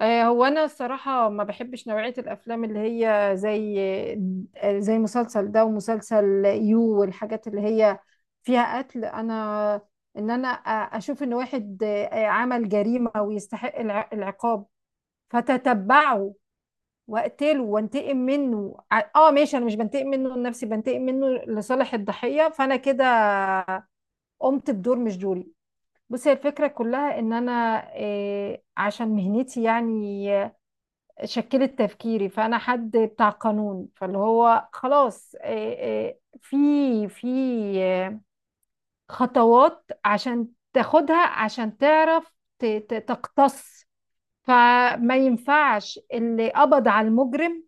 هو انا الصراحه ما بحبش نوعيه الافلام اللي هي زي مسلسل ده ومسلسل يو والحاجات اللي هي فيها قتل. ان انا اشوف ان واحد عمل جريمه ويستحق العقاب، فتتبعه واقتله وانتقم منه ماشي. انا مش بنتقم منه لنفسي، بنتقم منه لصالح الضحيه، فانا كده قمت بدور مش دوري. بصي، هي الفكره كلها ان انا، عشان مهنتي يعني، شكلت تفكيري، فانا حد بتاع قانون، فاللي هو خلاص في آه، خطوات عشان تاخدها عشان تعرف تقتص. فما ينفعش اللي قبض على المجرم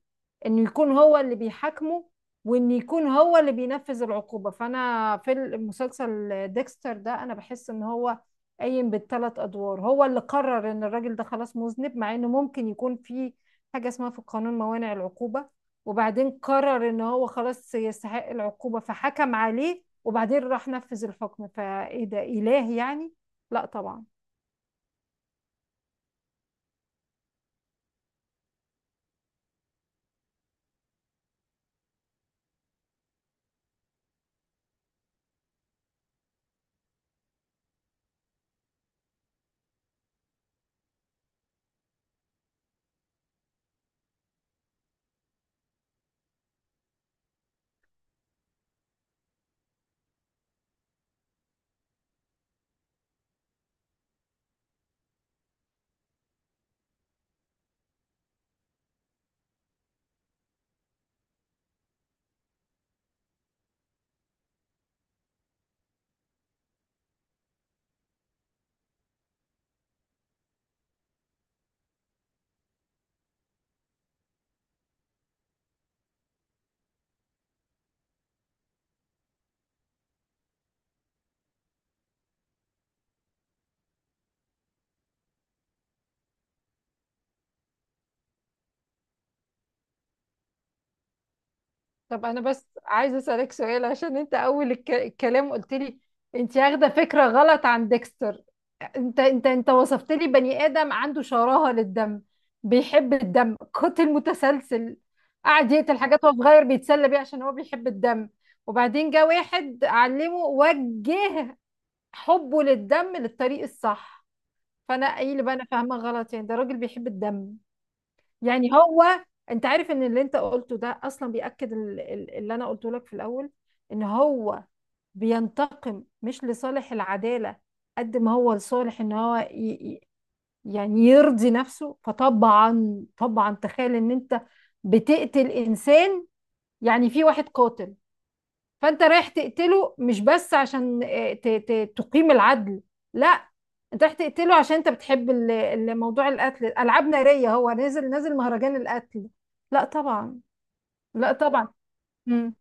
انه يكون هو اللي بيحاكمه، وان يكون هو اللي بينفذ العقوبة. فانا في المسلسل ديكستر ده انا بحس ان هو قايم بالثلاث ادوار، هو اللي قرر ان الراجل ده خلاص مذنب، مع انه ممكن يكون في حاجة اسمها في القانون موانع العقوبة، وبعدين قرر ان هو خلاص يستحق العقوبة فحكم عليه وبعدين راح نفذ الحكم. فايه ده؟ اله يعني؟ لا طبعا. طب انا بس عايزه اسالك سؤال، عشان انت اول الكلام قلت لي انت واخده فكره غلط عن ديكستر. انت وصفت لي بني ادم عنده شراهه للدم، بيحب الدم، قاتل متسلسل، قعد يقتل حاجات وهو صغير بيتسلى بيها عشان هو بيحب الدم، وبعدين جه واحد علمه وجه حبه للدم للطريق الصح. فانا ايه اللي بقى انا فاهمه غلط؟ يعني ده راجل بيحب الدم، يعني هو. انت عارف ان اللي انت قلته ده اصلا بيأكد اللي انا قلته لك في الاول، ان هو بينتقم مش لصالح العدالة قد ما هو لصالح ان هو يعني يرضي نفسه. فطبعا طبعا، تخيل ان انت بتقتل انسان، يعني في واحد قاتل، فانت رايح تقتله مش بس عشان تقيم العدل، لا، انت رايح تقتله عشان انت بتحب موضوع القتل، العاب ناريه، هو نازل نازل مهرجان القتل. لا طبعا. لا طبعا. مم.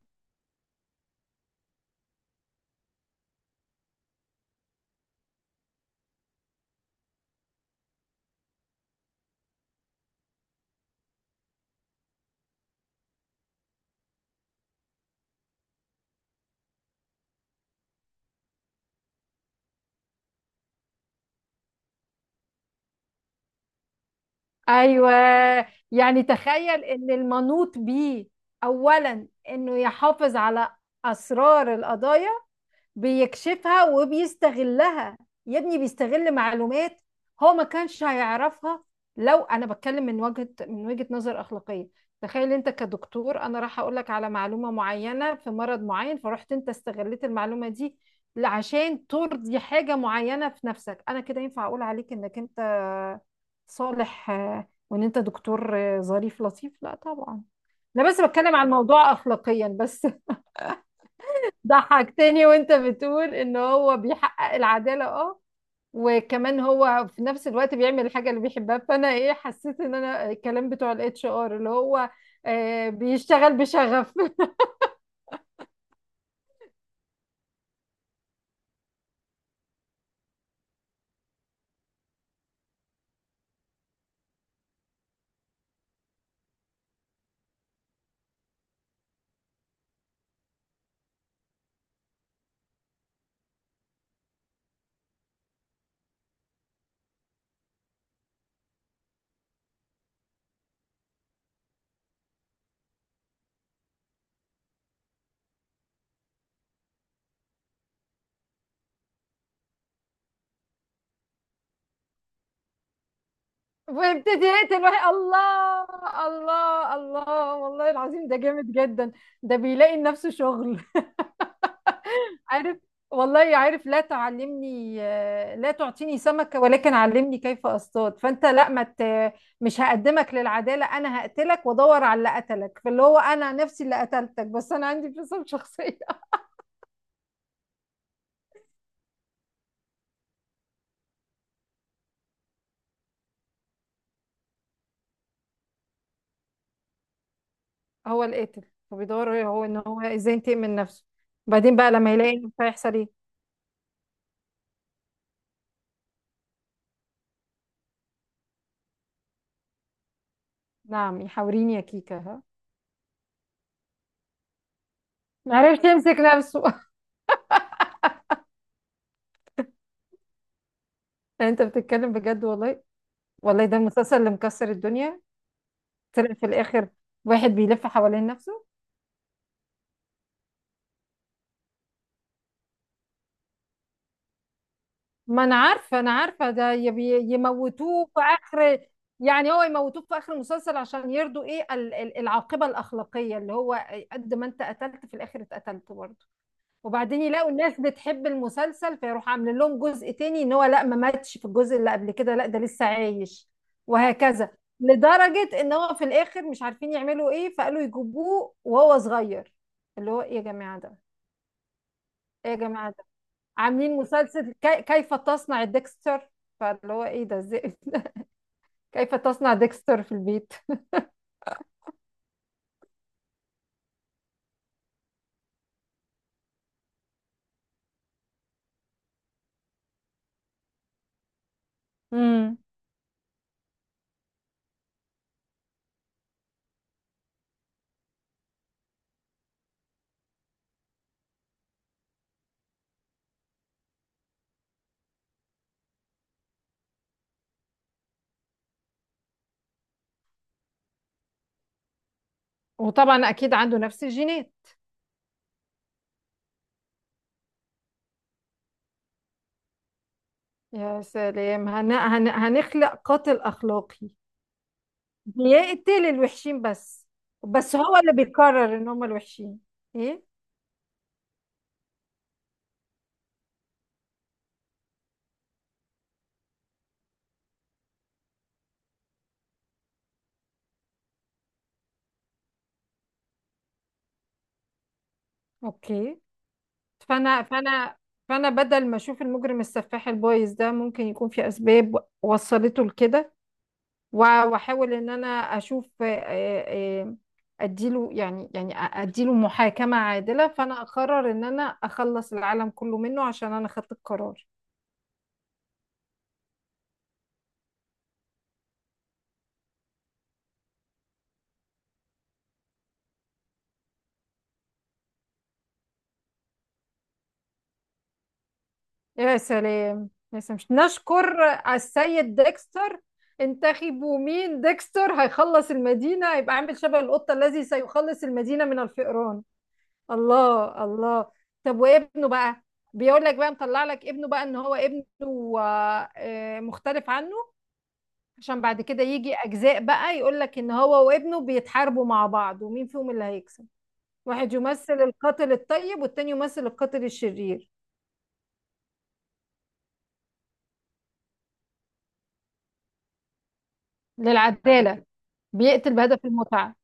ايوه، يعني تخيل ان المنوط بيه اولا انه يحافظ على اسرار القضايا، بيكشفها وبيستغلها، يا ابني بيستغل معلومات هو ما كانش هيعرفها. لو انا بتكلم من وجهة نظر اخلاقية، تخيل انت كدكتور انا راح اقول لك على معلومة معينة في مرض معين، فرحت انت استغلت المعلومة دي عشان ترضي حاجة معينة في نفسك، انا كده ينفع اقول عليك انك انت صالح وان انت دكتور ظريف لطيف؟ لا طبعا. انا بس بتكلم عن الموضوع اخلاقيا بس. ضحكتني وانت بتقول ان هو بيحقق العدالة، اه، وكمان هو في نفس الوقت بيعمل الحاجة اللي بيحبها، فانا ايه، حسيت ان انا الكلام بتوع الاتش ار اللي هو بيشتغل بشغف. وابتدي يقتل واحد، الله الله الله، والله العظيم ده جامد جدا، ده بيلاقي لنفسه شغل، عارف؟ والله عارف، لا تعلمني، لا تعطيني سمكة ولكن علمني كيف اصطاد. فانت لا، ما مت، مش هقدمك للعدالة، انا هقتلك وادور على اللي قتلك، فاللي هو انا نفسي اللي قتلتك، بس انا عندي انفصام شخصية. هو القاتل، فبيدور هو ان هو ازاي ينتقم من نفسه؟ بعدين بقى لما يلاقي نفسه هيحصل ايه؟ نعم، يحاوريني يا كيكة، ها. معرفش يمسك نفسه. انت بتتكلم بجد والله؟ والله ده المسلسل اللي مكسر الدنيا، طلع في الاخر واحد بيلف حوالين نفسه. ما انا عارفه، انا عارفه، ده يموتوه في اخر، يعني هو يموتوه في اخر المسلسل عشان يرضوا ايه العاقبه الاخلاقيه، اللي هو قد ما انت قتلت في الاخر اتقتلت برضه، وبعدين يلاقوا الناس بتحب المسلسل فيروح عامل لهم جزء تاني، ان هو لا ما ماتش في الجزء اللي قبل كده، لا ده لسه عايش، وهكذا، لدرجه ان هو في الاخر مش عارفين يعملوا ايه، فقالوا يجيبوه وهو صغير، اللي هو ايه يا جماعه ده؟ ايه يا جماعه، عاملين مسلسل كيف تصنع ديكستر؟ فاللي هو ايه ده، ازاي؟ كيف تصنع ديكستر في البيت. امم وطبعا اكيد عنده نفس الجينات. يا سلام، هنخلق قاتل اخلاقي، بيقتل الوحشين بس، بس هو اللي بيقرر ان هم الوحشين. ايه، اوكي، فانا فانا فانا بدل ما اشوف المجرم السفاح البايظ ده ممكن يكون في اسباب وصلته لكده، واحاول ان انا اشوف اديله يعني، اديله محاكمة عادلة، فانا اقرر ان انا اخلص العالم كله منه عشان انا خدت القرار. يا سلام، يا سلام، نشكر السيد ديكستر، انتخبوا مين؟ ديكستر هيخلص المدينة، هيبقى عامل شبه القطة الذي سيخلص المدينة من الفئران. الله الله. طب وابنه بقى، بيقول لك بقى مطلع لك ابنه بقى ان هو ابنه مختلف عنه، عشان بعد كده يجي اجزاء بقى يقولك ان هو وابنه بيتحاربوا مع بعض، ومين فيهم اللي هيكسب، واحد يمثل القاتل الطيب والتاني يمثل القاتل الشرير. للعدالة. بيقتل بهدف المتعة.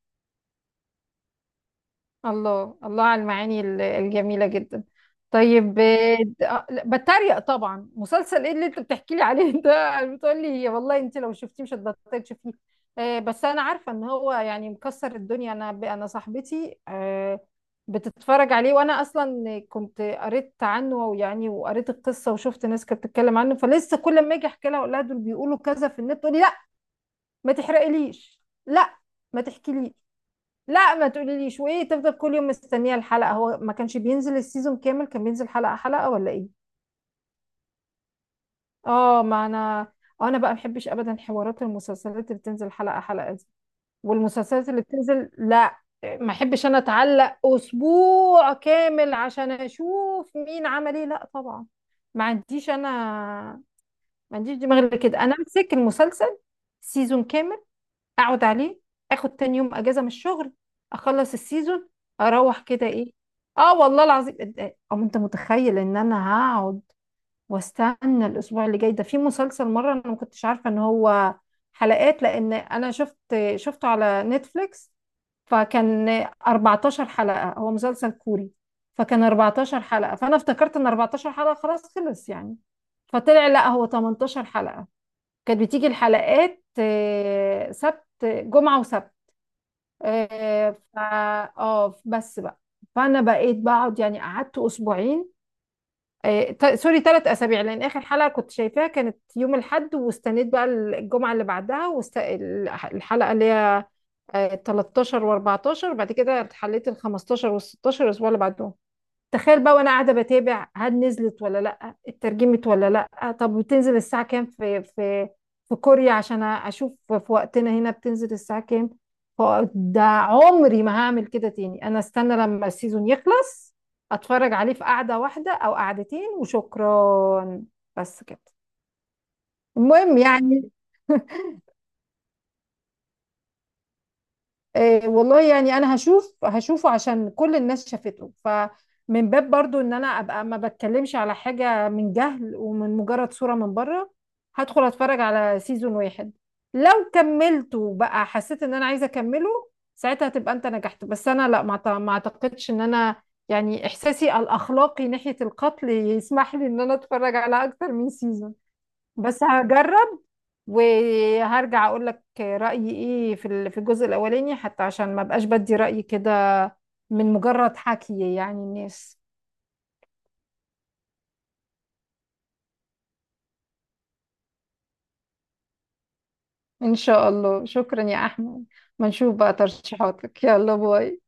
الله الله على المعاني الجميلة جدا. طيب، لا، بتريق طبعا، مسلسل ايه اللي انت بتحكي لي عليه ده؟ بتقول لي والله انت لو شفتيه مش هتبطلي تشوفيه. بس انا عارفة ان هو يعني مكسر الدنيا، انا صاحبتي بتتفرج عليه، وانا اصلا كنت قريت عنه، ويعني وقريت القصة وشفت ناس كانت بتتكلم عنه، فلسه كل ما اجي احكي لها اقول لها دول بيقولوا كذا في النت، تقول لي لا ما تحرقليش، لا ما تحكيليش، لا ما تقوليليش. وايه، تفضل كل يوم مستنيه الحلقه؟ هو ما كانش بينزل السيزون كامل، كان بينزل حلقه حلقه ولا ايه؟ اه. ما انا، انا بقى ما بحبش ابدا حوارات المسلسلات اللي بتنزل حلقه حلقه دي، والمسلسلات اللي بتنزل، لا، ما احبش انا اتعلق اسبوع كامل عشان اشوف مين عمل ايه، لا طبعا، ما عنديش انا، ما عنديش دماغ كده. انا امسك المسلسل سيزون كامل، اقعد عليه، اخد تاني يوم اجازه من الشغل، اخلص السيزون، اروح كده، ايه، اه والله العظيم. او انت متخيل ان انا هقعد واستنى الاسبوع اللي جاي؟ ده في مسلسل مره انا ما كنتش عارفه ان هو حلقات، لان انا شفت، شفته على نتفليكس، فكان 14 حلقه، هو مسلسل كوري، فكان 14 حلقه فانا افتكرت ان 14 حلقه خلاص خلص يعني، فطلع لا هو 18 حلقه، كانت بتيجي الحلقات سبت، جمعة وسبت، آه، ف اه بس بقى، فانا بقيت بقعد يعني قعدت اسبوعين، سوري، 3 اسابيع، لان اخر حلقة كنت شايفاها كانت يوم الاحد، واستنيت بقى الجمعة اللي بعدها الحلقة اللي هي 13 و14، بعد كده حليت ال 15 وال 16 الاسبوع اللي بعدهم. تخيل بقى وانا قاعده بتابع هل نزلت ولا لا، اترجمت ولا لا، طب بتنزل الساعه كام في، في في كوريا عشان اشوف في وقتنا هنا بتنزل الساعه كام. ف- ده عمري ما هعمل كده تاني، انا استنى لما السيزون يخلص، اتفرج عليه في قعده واحده او قعدتين، وشكرا، بس كده، المهم يعني. إيه والله، يعني انا هشوف، هشوفه عشان كل الناس شافته، فمن باب برضو ان انا ابقى ما بتكلمش على حاجة من جهل ومن مجرد صورة من بره، هدخل اتفرج على سيزون واحد، لو كملته بقى حسيت ان انا عايزة اكمله، ساعتها تبقى انت نجحت، بس انا لا، ما اعتقدش ان انا، يعني احساسي الاخلاقي ناحية القتل يسمح لي ان انا اتفرج على اكتر من سيزون، بس هجرب، وهرجع اقول لك رأيي ايه في في الجزء الاولاني حتى عشان ما بقاش بدي رأيي كده من مجرد حكي يعني الناس. ان شاء الله، شكرا يا احمد. ما نشوف بقى ترشيحاتك. يلا، باي.